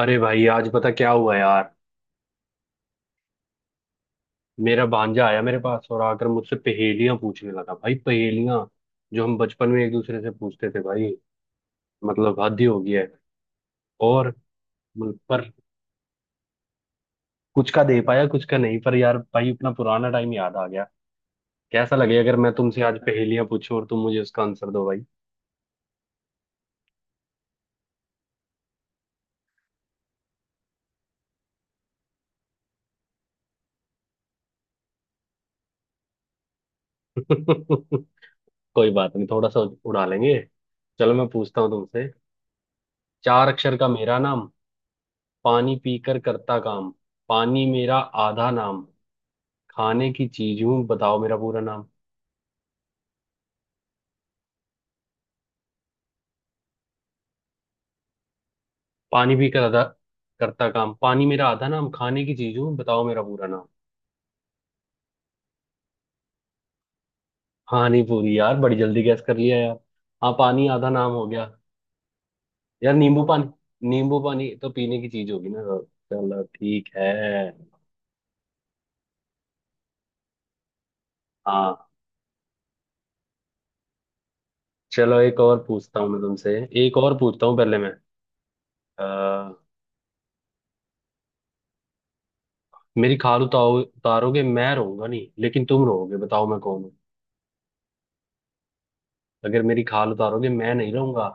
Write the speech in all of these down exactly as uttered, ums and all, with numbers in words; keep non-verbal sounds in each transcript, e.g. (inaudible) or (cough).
अरे भाई आज पता क्या हुआ यार। मेरा भांजा आया मेरे पास और आकर मुझसे पहेलियां पूछने लगा भाई, पहेलियां जो हम बचपन में एक दूसरे से पूछते थे भाई। मतलब हद ही हो गया है। और मतलब, पर कुछ का दे पाया कुछ का नहीं, पर यार भाई अपना पुराना टाइम याद आ गया। कैसा लगे अगर मैं तुमसे आज पहेलियां पूछूं और तुम मुझे उसका आंसर दो भाई। (laughs) कोई बात नहीं, थोड़ा सा उड़ा लेंगे। चलो मैं पूछता हूँ तुमसे। चार अक्षर का मेरा नाम, पानी पीकर करता काम, पानी मेरा आधा नाम, खाने की चीज हूँ बताओ मेरा पूरा नाम। पानी भी करता करता काम पानी मेरा आधा नाम, खाने की चीज हूँ बताओ मेरा पूरा नाम। हाँ, नहीं पूरी यार, बड़ी जल्दी गैस कर लिया यार। हाँ, पानी आधा नाम हो गया। यार नींबू पानी, नींबू पानी तो पीने की चीज होगी ना। चलो ठीक है। हाँ, चलो एक और पूछता हूँ मैं तुमसे। एक और पूछता हूँ पहले मैं। आ, मेरी खाल उतारो, उतारोगे मैं रहूंगा नहीं लेकिन तुम रहोगे, बताओ मैं कौन हूँ। अगर मेरी खाल उतारोगे मैं नहीं रहूंगा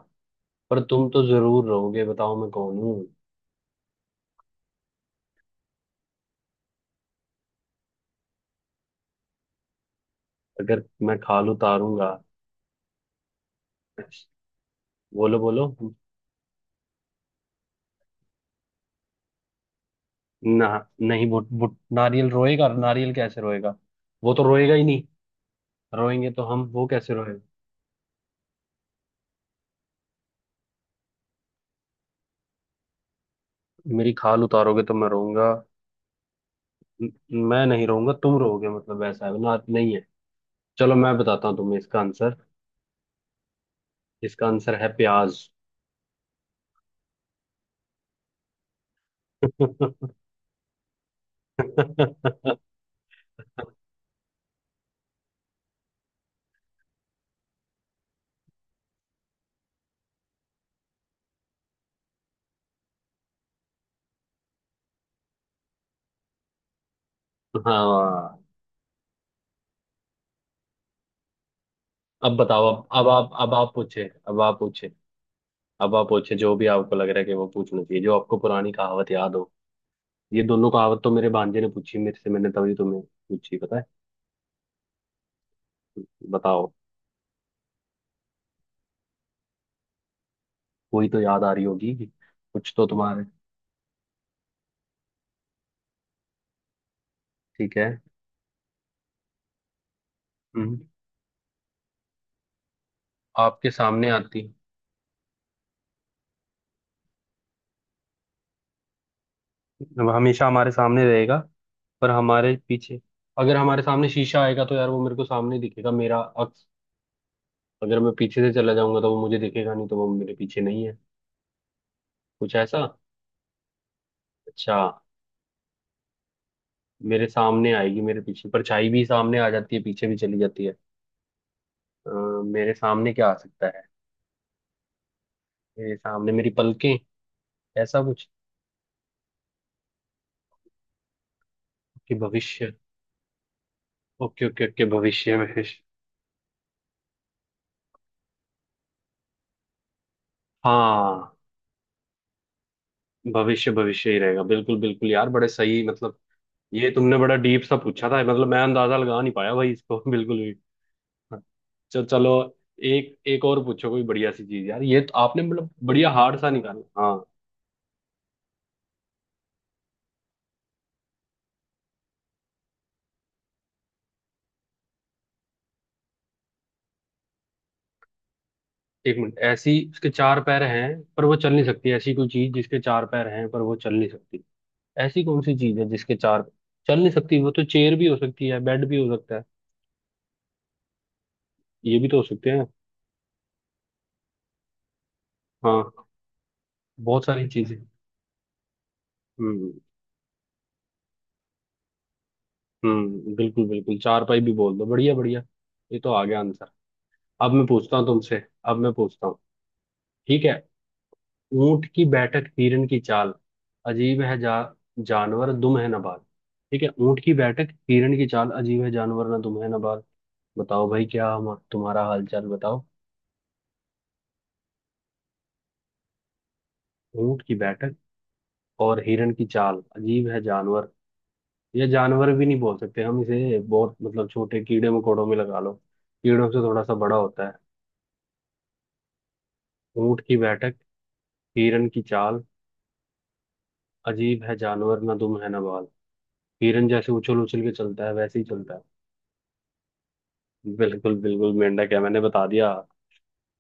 पर तुम तो जरूर रहोगे, बताओ मैं कौन हूँ। अगर मैं खाल उतारूंगा। बोलो बोलो। ना, नहीं बुट बुट नारियल रोएगा, नारियल कैसे रोएगा। वो तो रोएगा ही नहीं। रोएंगे तो हम, वो कैसे रोएगा। मेरी खाल उतारोगे तो मैं रोऊंगा। न- मैं नहीं रोऊंगा, तुम रोओगे, मतलब वैसा है ना, नहीं है। चलो मैं बताता हूँ तुम्हें इसका आंसर। इसका आंसर है प्याज। (laughs) हाँ, अब बताओ। अब अब आप अब आप पूछे अब आप पूछे अब आप पूछे जो भी आपको लग रहा है कि वो पूछना चाहिए, जो आपको पुरानी कहावत याद हो। ये दोनों कहावत तो मेरे भांजे ने पूछी मेरे से, मैंने तभी तुम्हें पूछी पता है। बताओ, कोई तो याद आ रही होगी, कुछ तो तुम्हारे। ठीक है। हम्म, आपके सामने आती। वो हमेशा हमारे सामने रहेगा पर हमारे पीछे, अगर हमारे सामने शीशा आएगा तो यार वो मेरे को सामने ही दिखेगा मेरा अक्स। अगर मैं पीछे से चला जाऊंगा तो वो मुझे दिखेगा नहीं, तो वो मेरे पीछे नहीं है। कुछ ऐसा। अच्छा। मेरे सामने आएगी, मेरे पीछे परछाई भी सामने आ जाती है, पीछे भी चली जाती है। अ, मेरे सामने क्या आ सकता है। मेरे सामने मेरी पलकें, ऐसा कुछ। कि भविष्य। ओके ओके ओके, भविष्य में। हाँ, भविष्य भविष्य ही रहेगा, बिल्कुल बिल्कुल यार, बड़े सही मतलब। ये तुमने बड़ा डीप सा पूछा था, मतलब मैं अंदाजा लगा नहीं पाया भाई इसको (laughs) बिल्कुल भी। चल चलो, एक एक और पूछो कोई बढ़िया सी चीज यार। ये तो आपने मतलब बढ़िया हार्ड सा निकाला। हाँ, एक मिनट, ऐसी उसके चार पैर हैं पर वो चल नहीं सकती। ऐसी कोई चीज जिसके चार पैर हैं पर वो चल नहीं सकती। ऐसी कौन सी चीज है जिसके चार, चल नहीं सकती। वो तो चेयर भी हो सकती है, बेड भी हो सकता है, ये भी तो हो सकते हैं। हाँ, बहुत सारी चीजें। हम्म। हम्म, बिल्कुल बिल्कुल, चार पाई भी बोल दो, बढ़िया बढ़िया। ये तो आ गया आंसर। अब मैं पूछता हूँ तुमसे। अब मैं पूछता हूँ, ठीक है। ऊंट की बैठक हिरन की चाल, अजीब है जा जानवर दुम है ना बाल। ठीक है, ऊंट की बैठक हिरन की चाल, अजीब है जानवर ना दुम है ना बाल। बताओ भाई, क्या हम तुम्हारा हाल चाल बताओ। ऊंट की बैठक और हिरन की चाल, अजीब है जानवर। ये जानवर भी नहीं, बोल सकते हम इसे, बहुत मतलब छोटे कीड़े मकोड़ों में लगा लो। कीड़ों से थोड़ा सा बड़ा होता है। ऊंट की बैठक हिरन की चाल, अजीब है जानवर ना दुम है ना बाल। हिरन जैसे उछल उछल के चलता है वैसे ही चलता है। बिल्कुल बिल्कुल मेंढक है, मैंने बता दिया।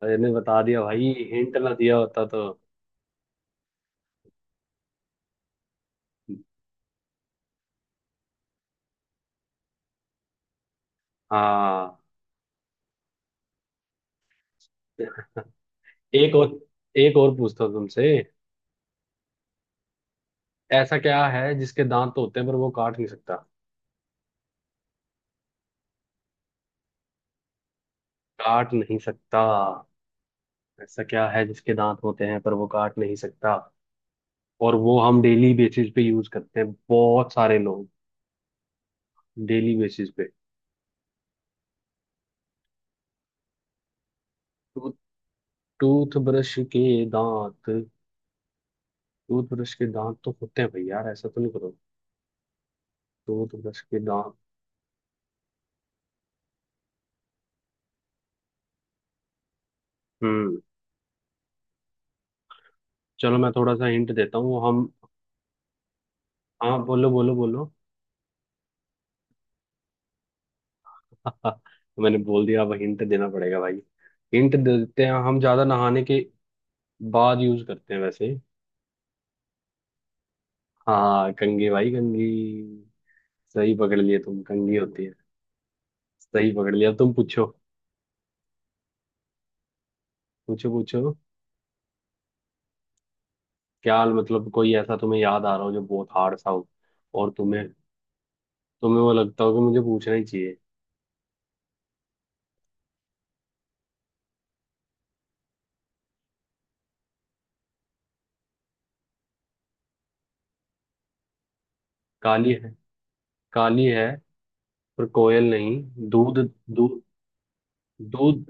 मैंने बता दिया भाई, हिंट ना दिया होता तो। हाँ, एक और, एक और पूछता हूँ तुमसे। ऐसा क्या है जिसके दांत होते हैं पर वो काट नहीं सकता। काट नहीं सकता। ऐसा क्या है जिसके दांत होते हैं पर वो काट नहीं सकता, और वो हम डेली बेसिस पे यूज करते हैं बहुत सारे लोग, डेली बेसिस पे। तो टूथब्रश के दांत, टूथब्रश के दांत तो होते हैं भाई, यार ऐसा तो नहीं करो। टूथब्रश के दांत। हम्म, चलो मैं थोड़ा सा हिंट देता हूँ हम। हाँ बोलो बोलो बोलो। (laughs) मैंने बोल दिया अब हिंट देना पड़ेगा भाई। हिंट देते हैं, हम ज्यादा नहाने के बाद यूज करते हैं वैसे। हाँ कंघी भाई, कंघी। सही पकड़ लिए तुम, कंघी होती है। सही पकड़ लिया, अब तुम पूछो। पूछो पूछो। क्या मतलब कोई ऐसा तुम्हें याद आ रहा हो जो बहुत हार्ड सा हो, और तुम्हें, तुम्हें वो लगता हो कि मुझे पूछना ही चाहिए। काली है, काली है पर कोयल नहीं, दूध दूध दूध।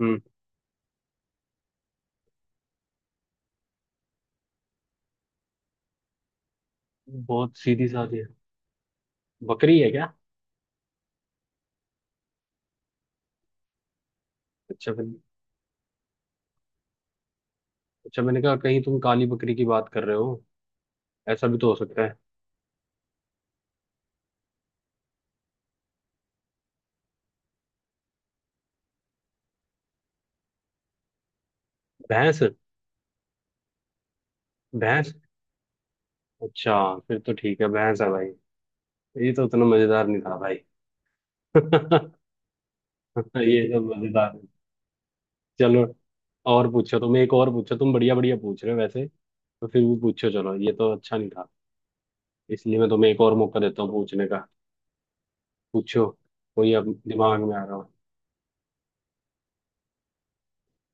हम्म। बहुत सीधी सादी है। बकरी है क्या। अच्छा फिर, अच्छा मैंने कहा कहीं तुम काली बकरी की बात कर रहे हो, ऐसा भी तो हो सकता है। भैंस। भैंस, अच्छा, फिर तो ठीक है, भैंस है भाई। ये तो उतना मजेदार नहीं था भाई। (laughs) ये सब मजेदार है। चलो, और पूछो तुम, एक और पूछो तुम, बढ़िया बढ़िया पूछ रहे हो वैसे, तो फिर भी पूछो। चलो ये तो अच्छा नहीं था, इसलिए मैं तुम्हें एक और मौका देता हूँ पूछने का। पूछो, कोई अब दिमाग में आ रहा हो।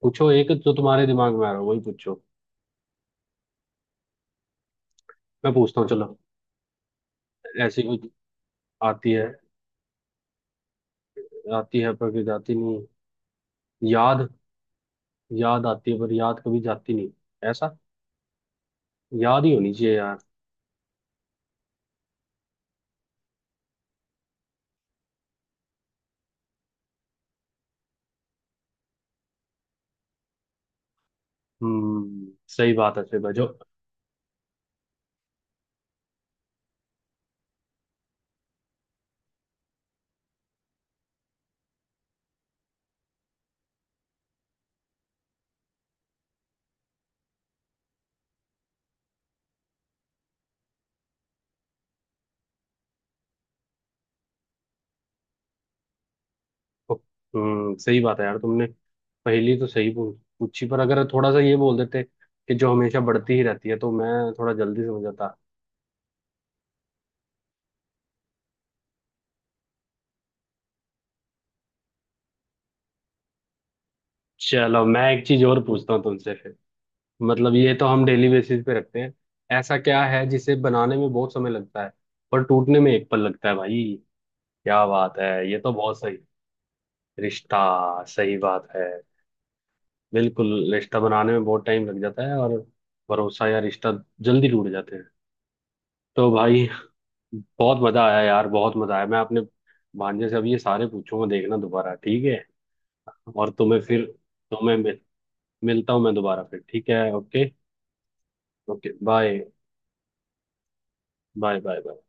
पूछो एक जो तुम्हारे दिमाग में आ रहा हो वही पूछो। मैं पूछता हूँ चलो। ऐसी कुछ आती है, आती है पर कभी जाती नहीं। याद, याद आती है पर याद कभी जाती नहीं, ऐसा। याद ही होनी चाहिए यार। हम्म, सही बात है, सही बात जो। हम्म, सही बात है यार, तुमने पहली तो सही पू- पूछी, पर अगर थोड़ा सा ये बोल देते कि जो हमेशा बढ़ती ही रहती है, तो मैं थोड़ा जल्दी समझ जाता। चलो मैं एक चीज और पूछता हूँ तुमसे फिर, मतलब ये तो हम डेली बेसिस पे रखते हैं। ऐसा क्या है जिसे बनाने में बहुत समय लगता है पर टूटने में एक पल लगता है भाई। क्या बात है, ये तो बहुत सही। रिश्ता, सही बात है, बिल्कुल, रिश्ता बनाने में बहुत टाइम लग जाता है और भरोसा या रिश्ता जल्दी टूट जाते हैं। तो भाई, बहुत मजा आया यार, बहुत मजा आया। मैं अपने भांजे से अब ये सारे पूछूंगा देखना दोबारा, ठीक है। और तुम्हें फिर, तुम्हें मिल, मिलता हूँ मैं दोबारा फिर, ठीक है, okay. Okay bye. Bye bye bye.